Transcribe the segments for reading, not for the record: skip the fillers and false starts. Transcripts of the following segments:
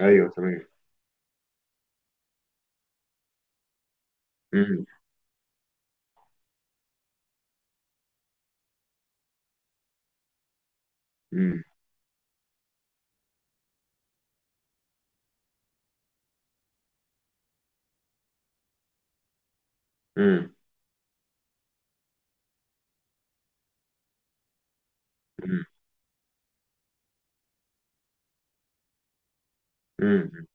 ايوه، تمام. امم. امم. امم. امم. امم.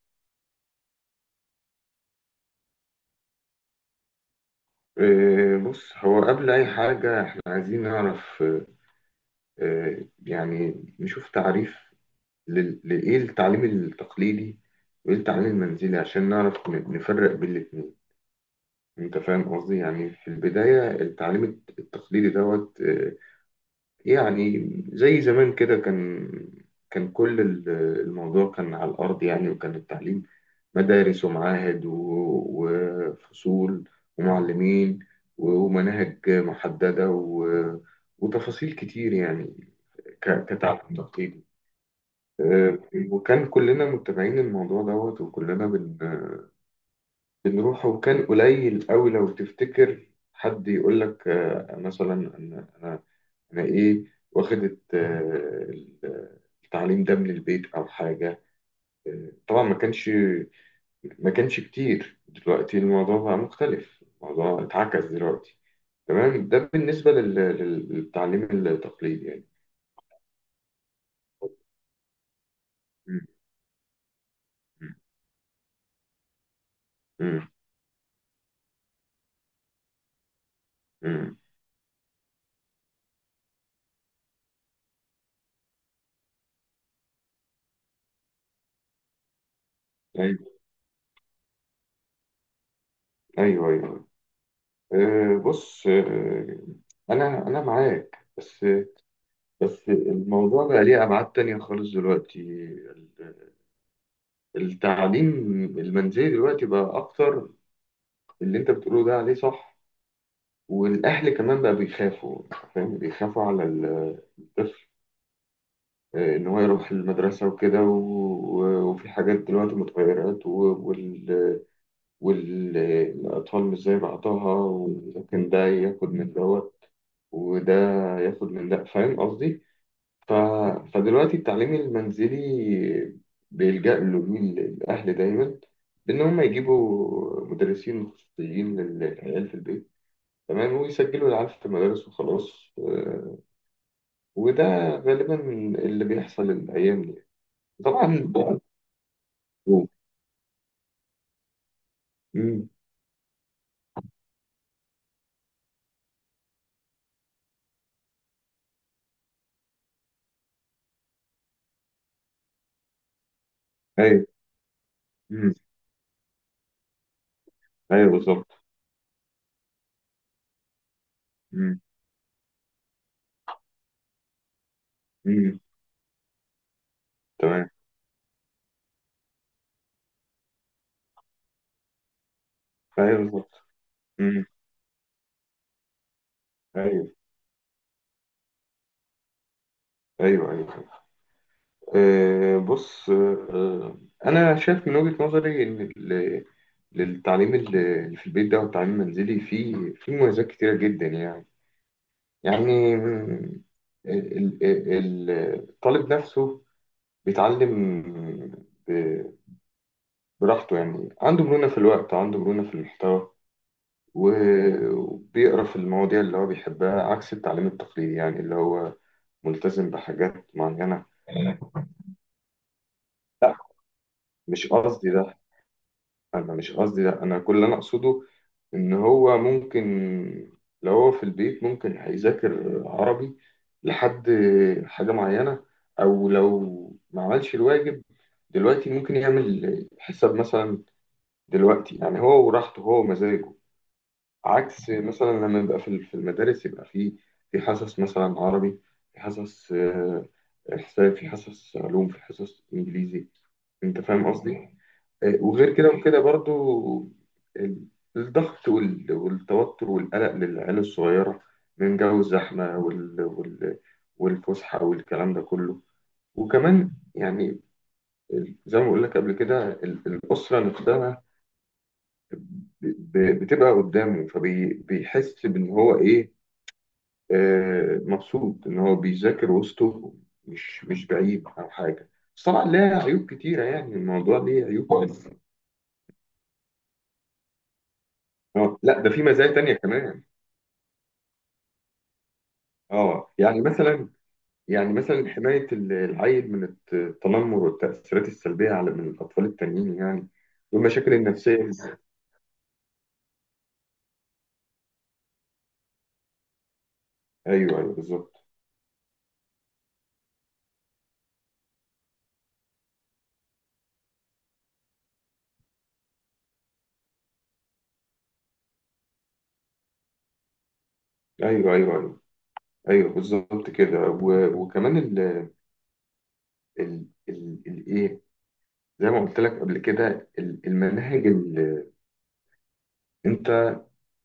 بص، هو قبل اي حاجه احنا عايزين نعرف، يعني نشوف تعريف لايه التعليم التقليدي، وايه التعليم المنزلي، عشان نعرف نفرق بين الاثنين. انت فاهم قصدي؟ يعني في البدايه التعليم التقليدي دوت، يعني زي زمان كده، كان كل الموضوع كان على الأرض يعني، وكان التعليم مدارس ومعاهد وفصول ومعلمين ومناهج محددة وتفاصيل كتير يعني، كتعليم تقليدي. آه، وكان كلنا متابعين الموضوع دوت، وكلنا بنروح. وكان قليل قوي لو تفتكر، حد يقول لك مثلا أنا أنا انا ايه، واخدت التعليم ده من البيت او حاجه. طبعا ما كانش كتير. دلوقتي الموضوع بقى مختلف، الموضوع اتعكس دلوقتي تمام. ده بالنسبه للتعليم التقليدي يعني. مم. مم. مم. ايوه، ايوه، ايوه. بص، انا معاك، بس الموضوع بقى ليه ابعاد تانية خالص دلوقتي. التعليم المنزلي دلوقتي بقى اكتر، اللي انت بتقوله ده عليه صح. والاهل كمان بقى بيخافوا، فاهم؟ بيخافوا على الطفل، ان هو يروح المدرسه وكده وفي حاجات دلوقتي متغيرات، والاطفال مش زي بعضها، وممكن ده ياخد من دوت وده ياخد من ده، فاهم قصدي؟ ف... فدلوقتي التعليم المنزلي بيلجأ له مين؟ الاهل دايما، ان هم يجيبوا مدرسين خصوصيين للعيال في البيت تمام، ويسجلوا العيال في المدارس وخلاص. وده غالبا اللي بيحصل الأيام دي. طبعا بقى. مم. أيوه. مم. أيوه، بالظبط. مم. مم. تمام. أيوه، بالظبط. مم. أيوه، أيوه، أيوه. بص، أنا شايف من وجهة نظري إن للتعليم اللي في البيت ده، والتعليم المنزلي فيه مميزات كتيرة جدا يعني. يعني ال- ال- ال- الطالب نفسه بيتعلم ب- براحته يعني، عنده مرونة في الوقت، عنده مرونة في المحتوى، وبيقرأ في المواضيع اللي هو بيحبها، عكس التعليم التقليدي يعني، اللي هو ملتزم بحاجات معينة. لا، مش قصدي ده، أنا مش قصدي ده. أنا كل اللي أنا أقصده إن هو ممكن، لو هو في البيت ممكن هيذاكر عربي لحد حاجة معينة، أو لو ما عملش الواجب دلوقتي ممكن يعمل حساب مثلا دلوقتي، يعني هو وراحته هو ومزاجه. عكس مثلا لما يبقى في في المدارس، يبقى في حصص مثلا عربي، في حصص حساب، في حصص علوم، في حصص انجليزي. انت فاهم قصدي؟ وغير كده وكده برضو، ال- الضغط والتوتر والقلق للعيال الصغيرة، من جو الزحمة والفسحة والكلام ده كله. وكمان يعني، زي ما بقول لك قبل كده، الأسرة نفسها بتبقى قدامه، فبيحس بان هو ايه، مبسوط ان هو بيذاكر وسطه، مش بعيد او حاجه. بس طبعا لها عيوب كتيره يعني، الموضوع ليه عيوب خالص. اه، لا، ده في مزايا تانية كمان. اه يعني مثلا، حمايه العيل من التنمر والتاثيرات السلبيه، من الاطفال التانيين يعني، والمشاكل النفسيه. ايوه، ايوه، بالظبط. ايوه، ايوه، ايوه. ايوه، بالظبط كده. وكمان الايه، زي ما قلت لك قبل كده، المناهج اللي انت،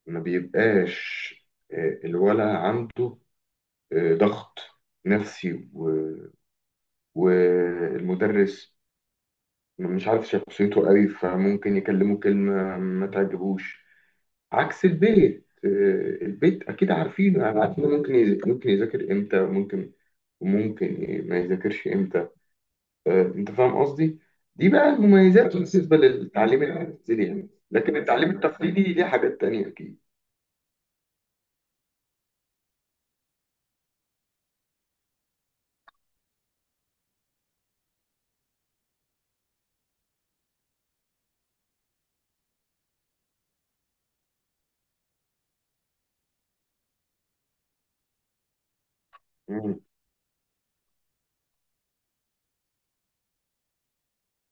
ما بيبقاش الولد عنده ضغط نفسي، والمدرس مش عارف شخصيته قوي، فممكن يكلمه كلمة ما تعجبوش، عكس البيت. البيت أكيد عارفينه يعني، عارفين ممكن يذاكر إمتى، ممكن وممكن ما يذاكرش إمتى. انت فاهم قصدي؟ دي بقى المميزات بالنسبه للتعليم المنزلي يعني، لكن التعليم التقليدي ليه حاجات تانية اكيد. مم.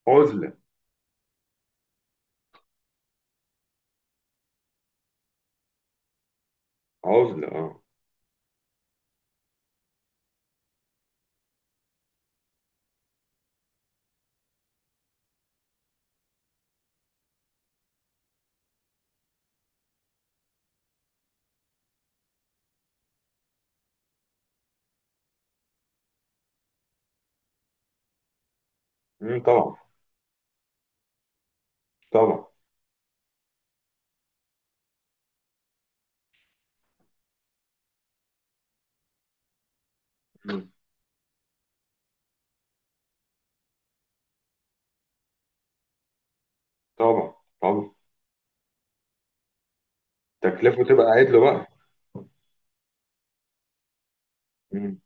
عزله. عزله. اه. مم، طبعا. طبعا. مم، طبعا. طبعا. تكلفه، تبقى عدله بقى. مم.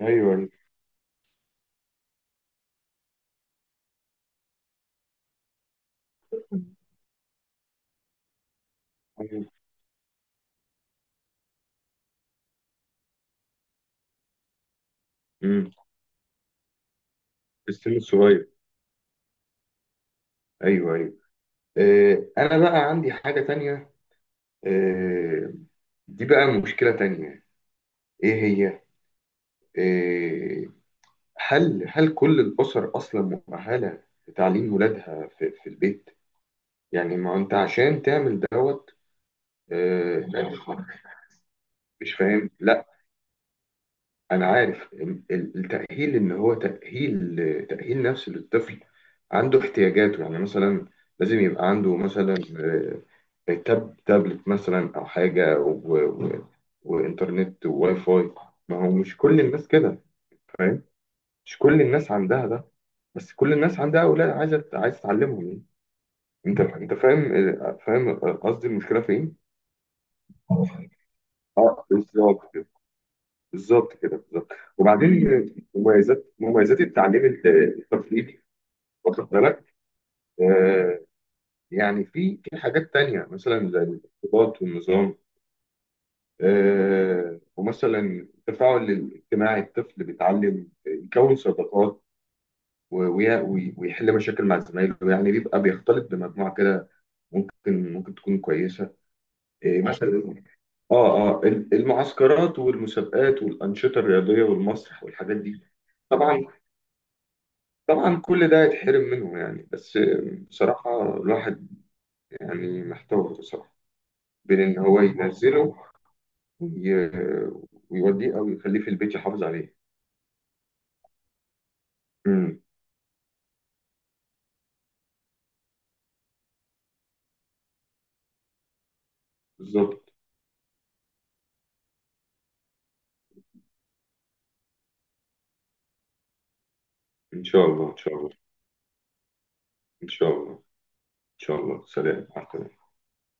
ايوه، ايوه. أيوة. مم. في السن الصغير. ايوه، ايوه. انا بقى عندي حاجه تانية، آه، دي بقى مشكله تانية. ايه هي؟ آه، هل كل الأسر أصلا مؤهلة لتعليم ولادها في البيت؟ يعني ما أنت عشان تعمل دوت يعني، مش فاهم؟ لا، أنا عارف التأهيل، إن هو تأهيل نفسي للطفل، عنده احتياجاته. يعني مثلا لازم يبقى عنده مثلا تابلت مثلا أو حاجة، وإنترنت وواي فاي. ما هو مش كل الناس كده، فاهم؟ مش كل الناس عندها ده، بس كل الناس عندها اولاد عايز تعلمهم يعني. انت فاهم، فاهم قصدي المشكله فين؟ اه، بالظبط كده، بالظبط كده، بالظبط. وبعدين مميزات، التعليم التقليدي، واخد بالك؟ آه يعني في حاجات تانية مثلا، زي الارتباط والنظام. ومثلا التفاعل الاجتماعي، الطفل بيتعلم يكون صداقات، ويحل مشاكل مع زمايله يعني، بيبقى بيختلط بمجموعة كده، ممكن تكون كويسة. إيه مثلا؟ اه المعسكرات والمسابقات والأنشطة الرياضية والمسرح والحاجات دي. طبعا. طبعا، كل ده يتحرم منه يعني. بس بصراحة الواحد يعني محتار بصراحة، بين إن هو ينزله وي- ويوديه، أو يخليه في البيت يحافظ عليه. امم. بالظبط. إن شاء الله، إن شاء الله. إن شاء الله، إن شاء الله. سلام، مع السلامة.